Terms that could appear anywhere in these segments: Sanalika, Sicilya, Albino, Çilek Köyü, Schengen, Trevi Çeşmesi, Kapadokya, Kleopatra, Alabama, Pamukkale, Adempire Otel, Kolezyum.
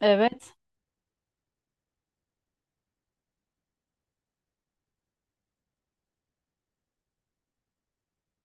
Evet.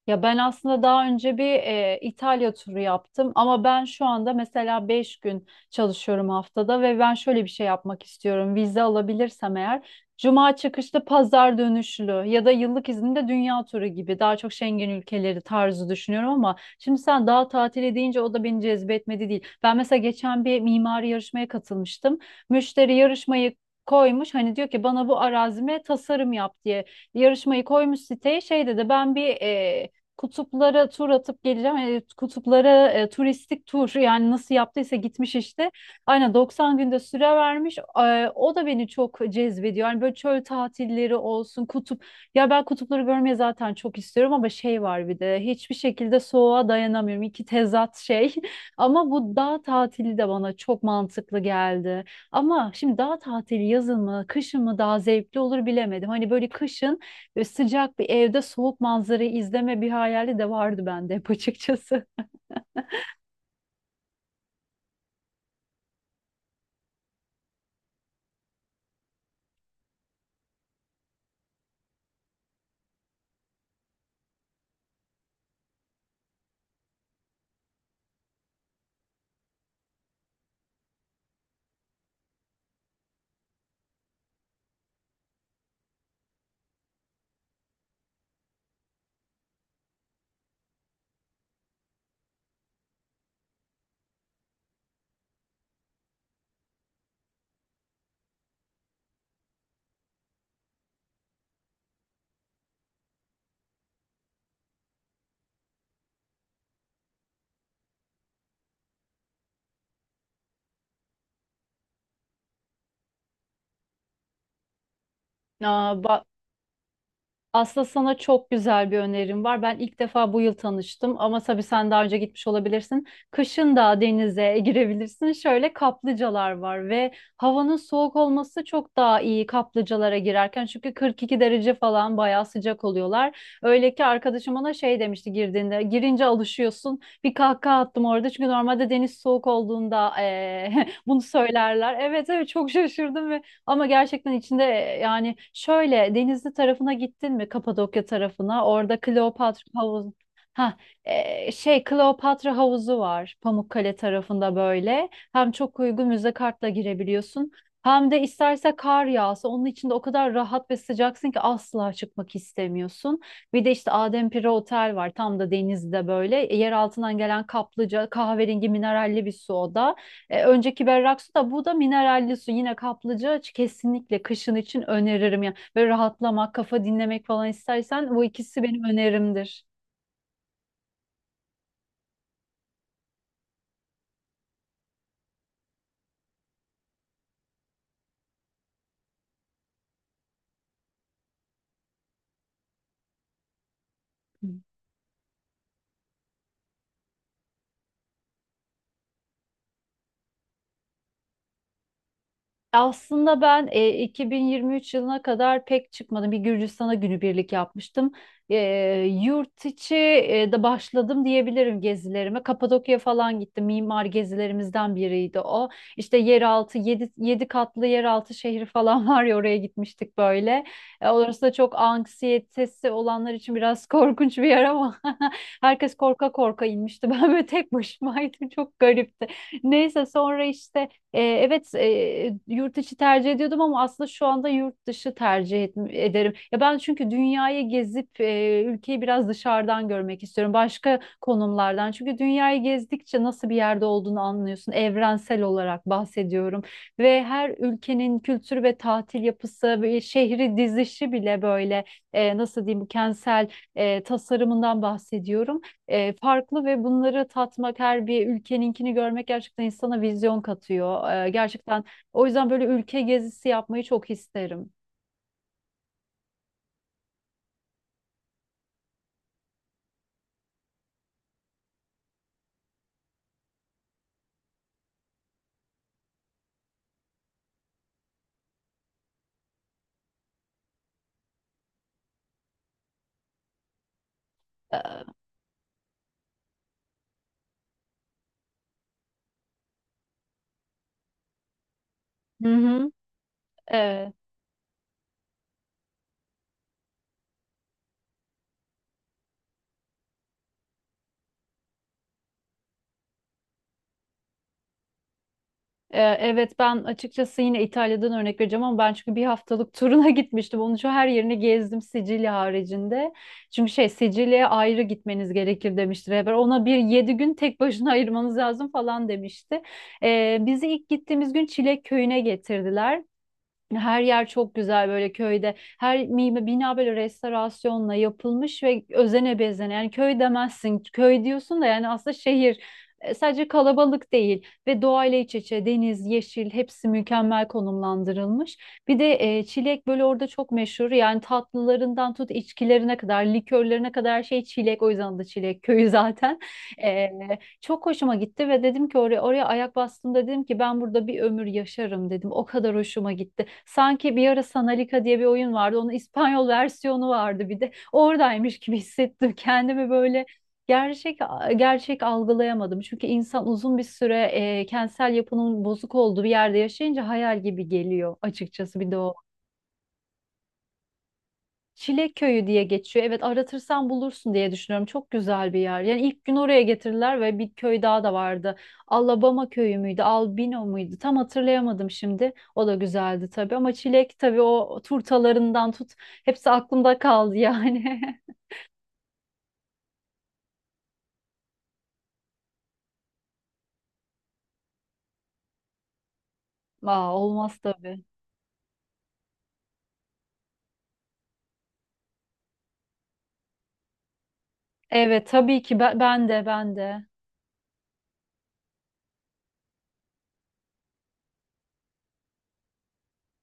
Ya ben aslında daha önce bir İtalya turu yaptım ama ben şu anda mesela 5 gün çalışıyorum haftada ve ben şöyle bir şey yapmak istiyorum. Vize alabilirsem eğer cuma çıkışlı, pazar dönüşlü ya da yıllık izinde dünya turu gibi daha çok Schengen ülkeleri tarzı düşünüyorum ama şimdi sen daha tatili deyince o da beni cezbetmedi değil. Ben mesela geçen bir mimari yarışmaya katılmıştım. Müşteri yarışmayı koymuş, hani diyor ki bana bu arazime tasarım yap diye. Yarışmayı koymuş siteye, şey dedi, ben bir kutuplara tur atıp geleceğim. Kutuplara turistik tur, yani nasıl yaptıysa gitmiş işte. Aynen 90 günde süre vermiş. O da beni çok cezbediyor. Yani böyle çöl tatilleri olsun, kutup. Ya ben kutupları görmeye zaten çok istiyorum ama şey var, bir de hiçbir şekilde soğuğa dayanamıyorum. İki tezat şey. Ama bu dağ tatili de bana çok mantıklı geldi. Ama şimdi dağ tatili yazın mı, kışın mı daha zevkli olur bilemedim. Hani böyle kışın böyle sıcak bir evde soğuk manzarayı izleme bir hayali de vardı bende hep açıkçası. Aa, ba- Aslında sana çok güzel bir önerim var. Ben ilk defa bu yıl tanıştım ama tabii sen daha önce gitmiş olabilirsin. Kışın da denize girebilirsin. Şöyle kaplıcalar var ve havanın soğuk olması çok daha iyi kaplıcalara girerken. Çünkü 42 derece falan bayağı sıcak oluyorlar. Öyle ki arkadaşım ona şey demişti girdiğinde. Girince alışıyorsun. Bir kahkaha attım orada. Çünkü normalde deniz soğuk olduğunda bunu söylerler. Evet, evet, çok şaşırdım ve ama gerçekten içinde yani şöyle, Denizli tarafına gittin mi, Kapadokya tarafına? Orada Kleopatra havuzu. Ha, şey, Kleopatra havuzu var Pamukkale tarafında böyle. Hem çok uygun, müze kartla girebiliyorsun. Hem de isterse kar yağsa onun içinde o kadar rahat ve sıcaksın ki asla çıkmak istemiyorsun. Bir de işte Adempire Otel var tam da denizde böyle. Yer altından gelen kaplıca, kahverengi mineralli bir su o da. Önceki berrak su, da bu da mineralli su. Yine kaplıca kesinlikle kışın için öneririm yani. Böyle rahatlamak, kafa dinlemek falan istersen bu ikisi benim önerimdir. Aslında ben 2023 yılına kadar pek çıkmadım. Bir Gürcistan'a günübirlik yapmıştım. E, Yurt içi de başladım diyebilirim gezilerime. Kapadokya falan gittim. Mimar gezilerimizden biriydi o. İşte yeraltı, 7 katlı yeraltı şehri falan var ya, oraya gitmiştik böyle. Orası da çok, anksiyetesi olanlar için biraz korkunç bir yer ama herkes korka korka inmişti. Ben böyle tek başımaydım. Çok garipti. Neyse sonra işte evet, yurt içi tercih ediyordum ama aslında şu anda yurt dışı ederim. Ya ben, çünkü dünyayı gezip ülkeyi biraz dışarıdan görmek istiyorum. Başka konumlardan. Çünkü dünyayı gezdikçe nasıl bir yerde olduğunu anlıyorsun. Evrensel olarak bahsediyorum. Ve her ülkenin kültürü ve tatil yapısı ve şehri dizişi bile böyle nasıl diyeyim, kentsel tasarımından bahsediyorum, farklı. Ve bunları tatmak, her bir ülkeninkini görmek gerçekten insana vizyon katıyor. Gerçekten o yüzden böyle ülke gezisi yapmayı çok isterim. E, Hı hı. Evet, evet, ben açıkçası yine İtalya'dan örnek vereceğim ama ben çünkü bir haftalık turuna gitmiştim. Onun için her yerini gezdim, Sicilya haricinde. Çünkü şey, Sicilya'ya ayrı gitmeniz gerekir demişti rehber. Ona bir 7 gün tek başına ayırmanız lazım falan demişti. Bizi ilk gittiğimiz gün Çilek Köyü'ne getirdiler. Her yer çok güzel böyle köyde. Her mime bina böyle restorasyonla yapılmış ve özene bezene. Yani köy demezsin. Köy diyorsun da yani aslında şehir. Sadece kalabalık değil ve doğayla iç içe, deniz, yeşil, hepsi mükemmel konumlandırılmış. Bir de çilek böyle orada çok meşhur. Yani tatlılarından tut, içkilerine kadar, likörlerine kadar her şey çilek. O yüzden adı Çilek Köyü zaten. E, Çok hoşuma gitti ve dedim ki oraya ayak bastığımda dedim ki ben burada bir ömür yaşarım dedim. O kadar hoşuma gitti. Sanki bir ara Sanalika diye bir oyun vardı. Onun İspanyol versiyonu vardı bir de. Oradaymış gibi hissettim kendimi böyle, gerçek gerçek algılayamadım. Çünkü insan uzun bir süre kentsel yapının bozuk olduğu bir yerde yaşayınca hayal gibi geliyor açıkçası, bir de o. Çilek Köyü diye geçiyor. Evet aratırsan bulursun diye düşünüyorum. Çok güzel bir yer. Yani ilk gün oraya getirdiler ve bir köy daha da vardı. Alabama köyü müydü, Albino muydu? Tam hatırlayamadım şimdi. O da güzeldi tabii ama çilek, tabii o turtalarından tut. Hepsi aklımda kaldı yani. Aa, olmaz tabii. Evet tabii ki, ben de, ben de.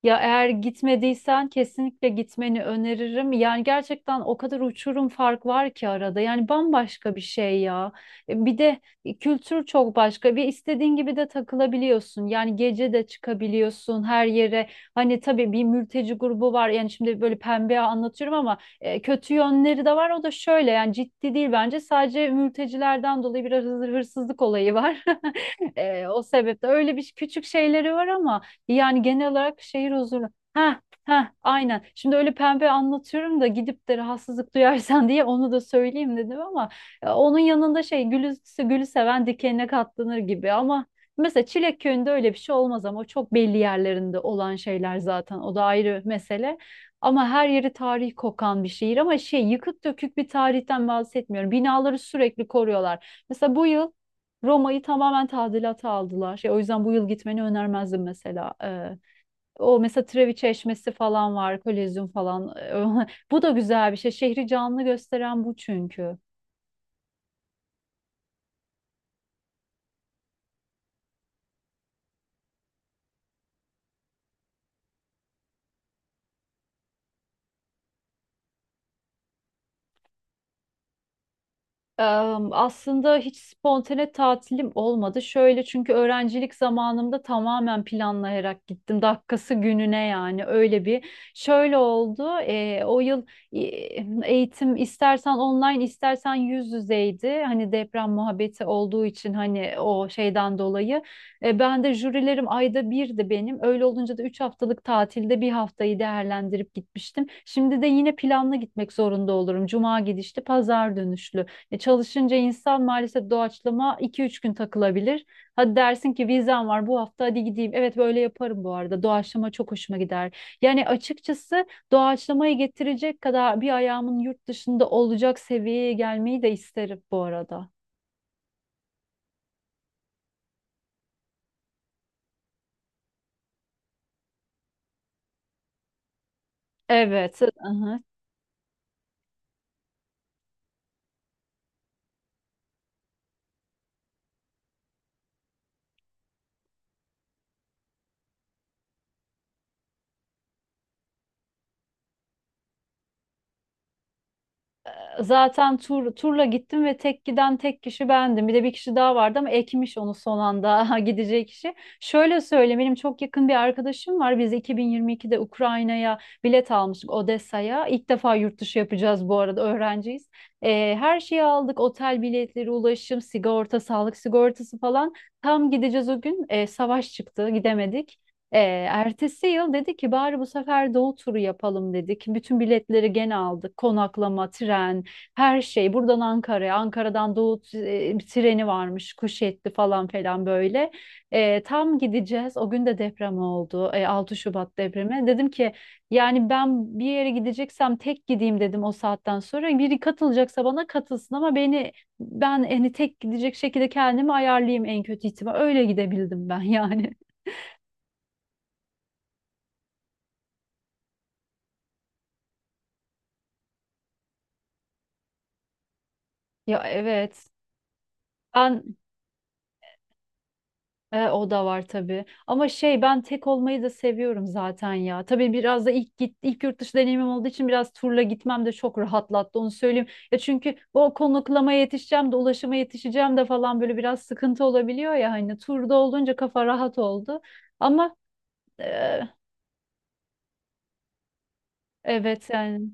Ya eğer gitmediysen kesinlikle gitmeni öneririm. Yani gerçekten o kadar uçurum fark var ki arada. Yani bambaşka bir şey ya. Bir de kültür çok başka. Bir istediğin gibi de takılabiliyorsun. Yani gece de çıkabiliyorsun her yere. Hani tabii bir mülteci grubu var. Yani şimdi böyle pembe anlatıyorum ama kötü yönleri de var. O da şöyle, yani ciddi değil bence. Sadece mültecilerden dolayı biraz hırsızlık olayı var. O sebeple öyle bir küçük şeyleri var ama yani genel olarak şehir huzurlu. Ha ha, aynen. Şimdi öyle pembe anlatıyorum da gidip de rahatsızlık duyarsan diye onu da söyleyeyim dedim ama onun yanında şey, gülü seven dikenine katlanır gibi. Ama mesela Çilek Köyü'nde öyle bir şey olmaz ama o çok belli yerlerinde olan şeyler zaten. O da ayrı mesele. Ama her yeri tarihi kokan bir şehir ama şey, yıkık dökük bir tarihten bahsetmiyorum. Binaları sürekli koruyorlar. Mesela bu yıl Roma'yı tamamen tadilata aldılar. Şey, o yüzden bu yıl gitmeni önermezdim mesela. O mesela, Trevi Çeşmesi falan var, Kolezyum falan. Bu da güzel bir şey. Şehri canlı gösteren bu çünkü. Aslında hiç spontane tatilim olmadı. Şöyle çünkü öğrencilik zamanımda tamamen planlayarak gittim. Dakikası gününe, yani öyle bir. Şöyle oldu. O yıl e, eğitim istersen online, istersen yüz yüzeydi. Hani deprem muhabbeti olduğu için, hani o şeyden dolayı. Ben de jürilerim ayda birdi benim. Öyle olunca da 3 haftalık tatilde bir haftayı değerlendirip gitmiştim. Şimdi de yine planlı gitmek zorunda olurum. Cuma gidişli, pazar dönüşlü. Çalışınca insan maalesef doğaçlama 2-3 gün takılabilir. Hadi dersin ki, vizem var bu hafta hadi gideyim. Evet, böyle yaparım bu arada. Doğaçlama çok hoşuma gider. Yani açıkçası doğaçlamayı getirecek kadar bir ayağımın yurt dışında olacak seviyeye gelmeyi de isterim bu arada. Evet. Zaten turla gittim ve tek giden tek kişi bendim. Bir de bir kişi daha vardı ama ekmiş onu son anda gideceği kişi. Şöyle söyleyeyim, benim çok yakın bir arkadaşım var. Biz 2022'de Ukrayna'ya bilet almıştık Odessa'ya. İlk defa yurt dışı yapacağız bu arada, öğrenciyiz. Her şeyi aldık. Otel biletleri, ulaşım, sigorta, sağlık sigortası falan. Tam gideceğiz o gün. Savaş çıktı, gidemedik. Ee, Ertesi yıl dedi ki bari bu sefer doğu turu yapalım dedik. Bütün biletleri gene aldık. Konaklama, tren, her şey. Buradan Ankara'ya, Ankara'dan doğu treni varmış. Kuşetli falan falan böyle. Tam gideceğiz. O gün de deprem oldu. 6 Şubat depremi. Dedim ki yani ben bir yere gideceksem tek gideyim dedim o saatten sonra. Biri katılacaksa bana katılsın ama ben hani tek gidecek şekilde kendimi ayarlayayım, en kötü ihtimal. Öyle gidebildim ben yani. Ya evet. Ben o da var tabii. Ama şey, ben tek olmayı da seviyorum zaten ya. Tabii biraz da ilk yurt dışı deneyimim olduğu için biraz turla gitmem de çok rahatlattı, onu söyleyeyim. Ya çünkü o, konaklamaya yetişeceğim de, ulaşıma yetişeceğim de falan böyle biraz sıkıntı olabiliyor ya, hani turda olunca kafa rahat oldu. Ama e, evet yani.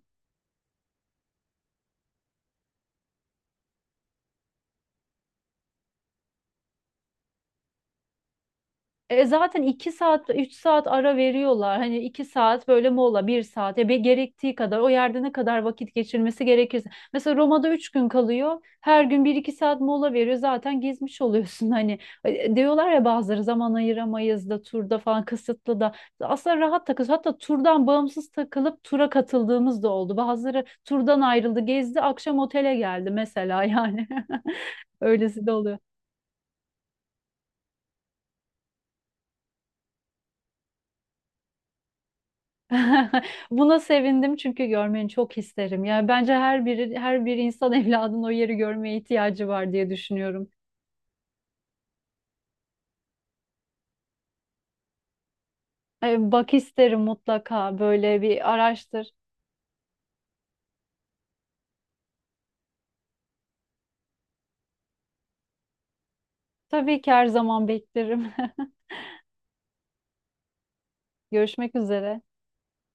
E zaten 2 saat 3 saat ara veriyorlar. Hani 2 saat böyle mola, bir saat ya, bir gerektiği kadar, o yerde ne kadar vakit geçirmesi gerekirse. Mesela Roma'da 3 gün kalıyor. Her gün bir iki saat mola veriyor. Zaten gezmiş oluyorsun hani. Diyorlar ya bazıları, zaman ayıramayız da turda falan kısıtlı da. Aslında rahat takılıyoruz. Hatta turdan bağımsız takılıp tura katıldığımız da oldu. Bazıları turdan ayrıldı, gezdi, akşam otele geldi mesela yani. Öylesi de oluyor. Buna sevindim çünkü görmeni çok isterim. Yani bence her bir insan evladının o yeri görmeye ihtiyacı var diye düşünüyorum. Bak, isterim mutlaka, böyle bir araştır. Tabii ki her zaman beklerim. Görüşmek üzere.